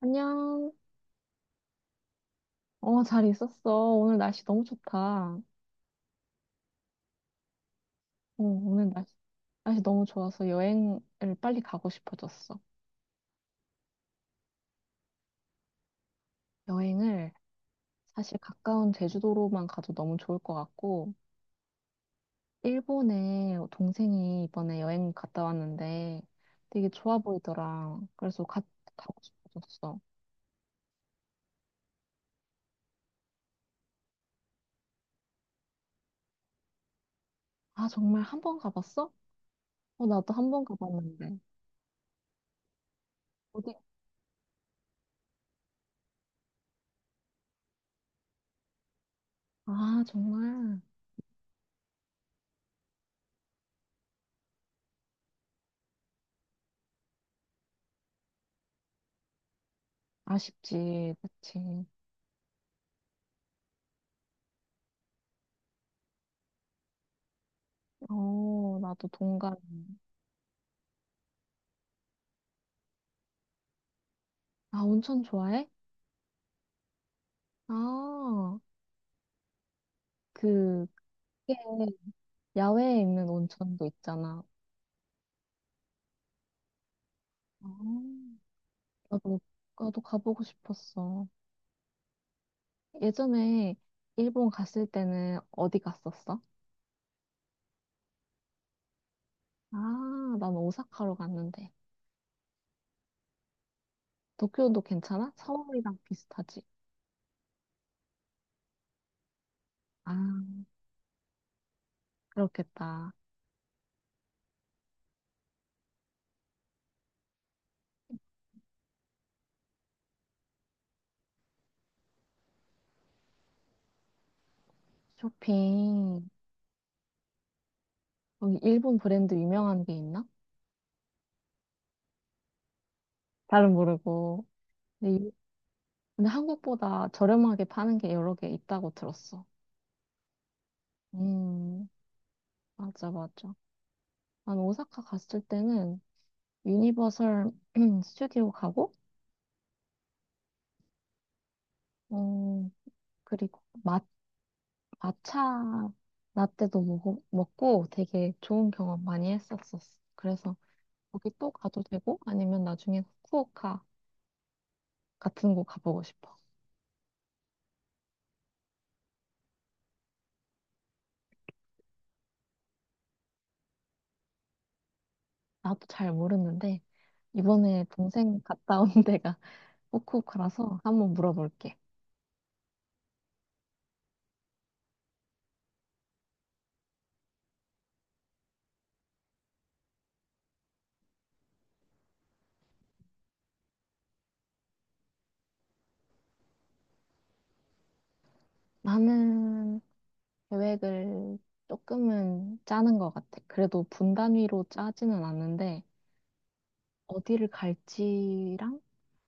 안녕. 잘 있었어. 오늘 날씨 너무 좋다. 어, 오늘 날씨, 너무 좋아서 여행을 빨리 가고 싶어졌어. 여행을 사실 가까운 제주도로만 가도 너무 좋을 것 같고, 일본에 동생이 이번에 여행 갔다 왔는데 되게 좋아 보이더라. 그래서 가고 싶어졌어. 아, 정말 한번 가봤어? 어, 나도 한번 가봤는데. 어디? 아, 정말. 아쉽지. 그치. 어, 나도 동감. 아, 온천 좋아해? 아, 그, 그게 야외에 있는 온천도 있잖아. 아, 나도, 나도 가보고 싶었어. 예전에 일본 갔을 때는 어디 갔었어? 아, 난 오사카로 갔는데. 도쿄도 괜찮아? 서울이랑 비슷하지? 아, 그렇겠다. 쇼핑. 여기 일본 브랜드 유명한 게 있나? 잘은 모르고. 근데, 이- 근데 한국보다 저렴하게 파는 게 여러 개 있다고 들었어. 음, 맞아, 맞아. 난 오사카 갔을 때는 유니버설 스튜디오 가고, 어, 그리고 마차 라떼도 먹고 되게 좋은 경험 많이 했었었어. 그래서 거기 또 가도 되고, 아니면 나중에 후쿠오카 같은 곳 가보고 싶어. 나도 잘 모르는데, 이번에 동생 갔다 온 데가 후쿠오카라서 한번 물어볼게. 나는 계획을 조금은 짜는 것 같아. 그래도 분단위로 짜지는 않는데, 어디를 갈지랑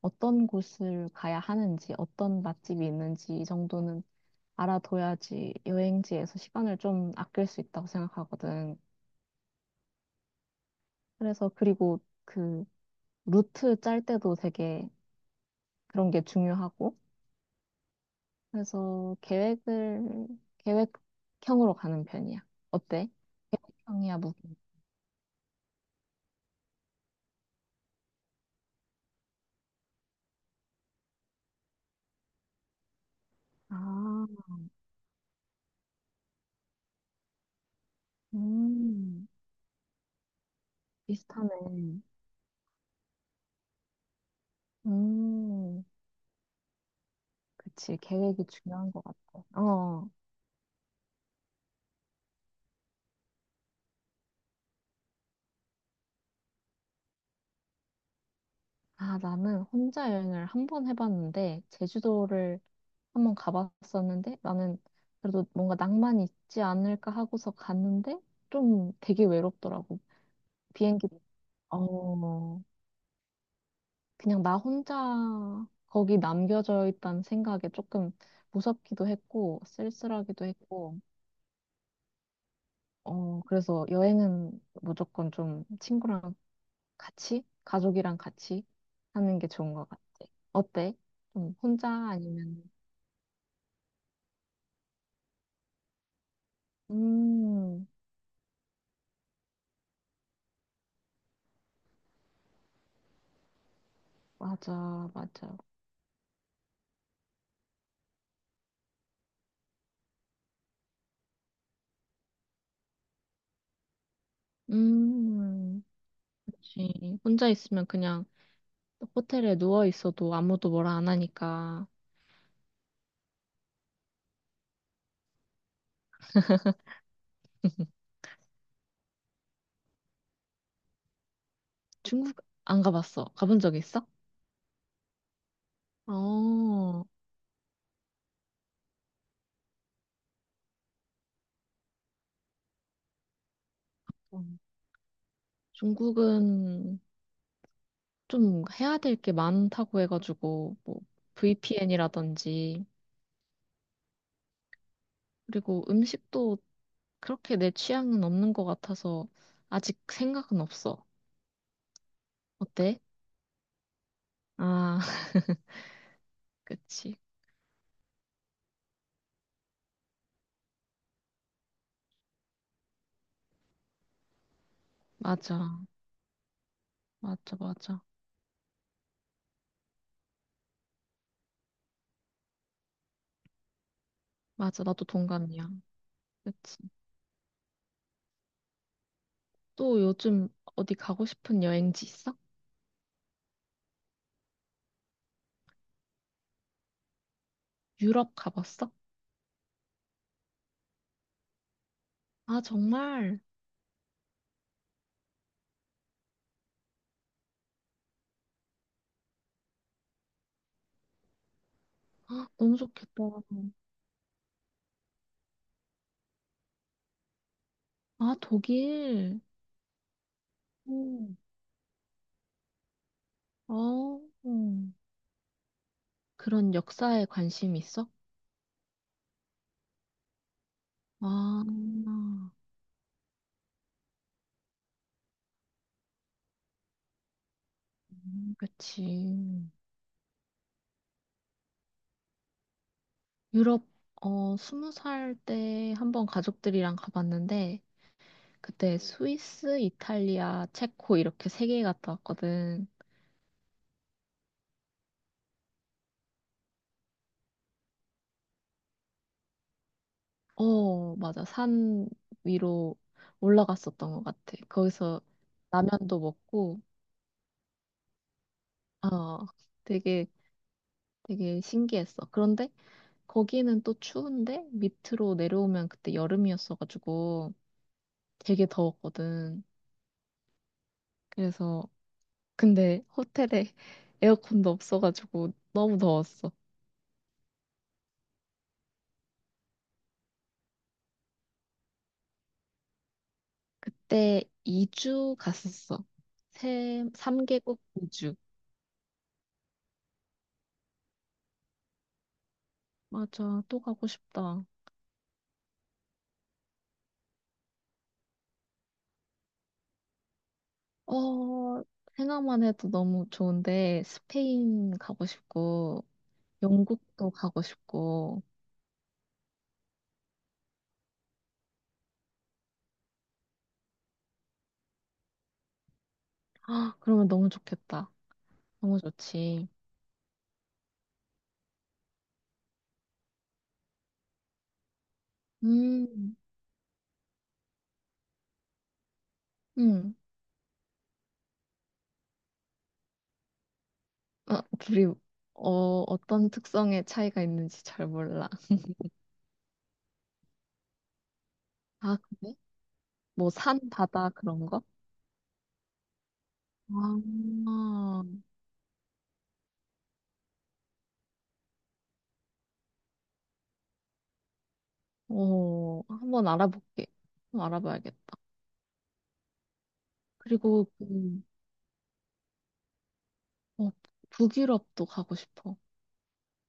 어떤 곳을 가야 하는지, 어떤 맛집이 있는지 이 정도는 알아둬야지 여행지에서 시간을 좀 아낄 수 있다고 생각하거든. 그래서 그리고 그 루트 짤 때도 되게 그런 게 중요하고, 그래서 계획을 계획형으로 가는 편이야. 어때? 계획형이야, 무기? 아, 음, 비슷하네. 음, 그치. 계획이 중요한 것 같아. 어. 아, 나는 혼자 여행을 한 번 해봤는데, 제주도를 한번 가봤었는데, 나는 그래도 뭔가 낭만이 있지 않을까 하고서 갔는데, 좀 되게 외롭더라고. 비행기, 어, 그냥 나 혼자 거기 남겨져 있다는 생각에 조금 무섭기도 했고, 쓸쓸하기도 했고, 어, 그래서 여행은 무조건 좀 친구랑 같이, 가족이랑 같이 하는 게 좋은 것 같아. 어때? 좀 혼자 아니면 음, 맞아, 맞아. 음, 그치. 혼자 있으면 그냥 호텔에 누워 있어도 아무도 뭐라 안 하니까. 중국 안 가봤어. 가본 적 있어? 어, 음. 중국은 좀 해야 될게 많다고 해가지고, 뭐, VPN이라든지, 그리고 음식도 그렇게 내 취향은 없는 것 같아서 아직 생각은 없어. 어때? 아, 그치. 맞아. 맞아, 맞아. 맞아, 나도 동감이야. 그치. 또 요즘 어디 가고 싶은 여행지 있어? 유럽 가봤어? 아, 정말? 아, 너무 좋겠다. 아, 독일. 오. 어, 음. 그런 역사에 관심 있어? 아, 그치. 유럽, 어, 스무 살 때 한번 가족들이랑 가봤는데, 그때 스위스, 이탈리아, 체코 이렇게 세 개 갔다 왔거든. 어, 맞아. 산 위로 올라갔었던 것 같아. 거기서 라면도 먹고, 어, 되게, 되게 신기했어. 그런데 거기는 또 추운데 밑으로 내려오면 그때 여름이었어가지고 되게 더웠거든. 그래서, 근데 호텔에 에어컨도 없어가지고 너무 더웠어. 그때 이주 갔었어. 3개국 이주 맞아. 또 가고 싶다. 어, 생각만 해도 너무 좋은데, 스페인 가고 싶고, 영국도 가고 싶고, 아, 그러면 너무 좋겠다. 너무 좋지. 음, 음. 아, 둘이, 어, 어떤 특성의 차이가 있는지 잘 몰라. 아, 그래? 뭐, 산, 바다, 그런 거? 아, 어, 한번 알아볼게. 한번 알아봐야겠다. 그리고, 그, 어, 북유럽도 가고 싶어.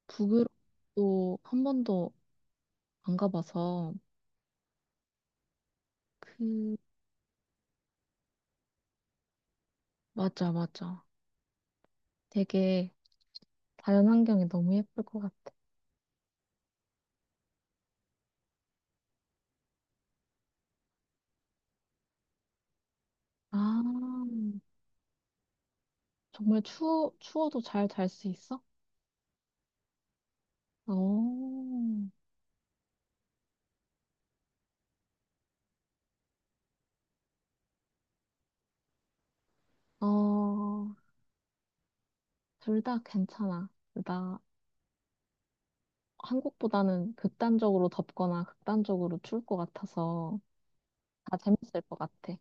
북유럽도 한 번도 안 가봐서 그 맞아 맞아 되게 자연환경이 너무 예쁠 것 같아 아 정말 추워도 잘 잘 수 있어? 어어둘 다 괜찮아 나 한국보다는 극단적으로 덥거나 극단적으로 추울 것 같아서 다 재밌을 것 같아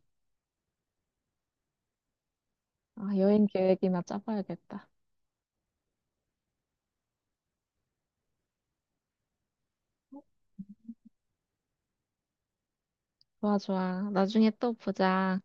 아 여행 계획이나 짜봐야겠다 좋아 좋아 나중에 또 보자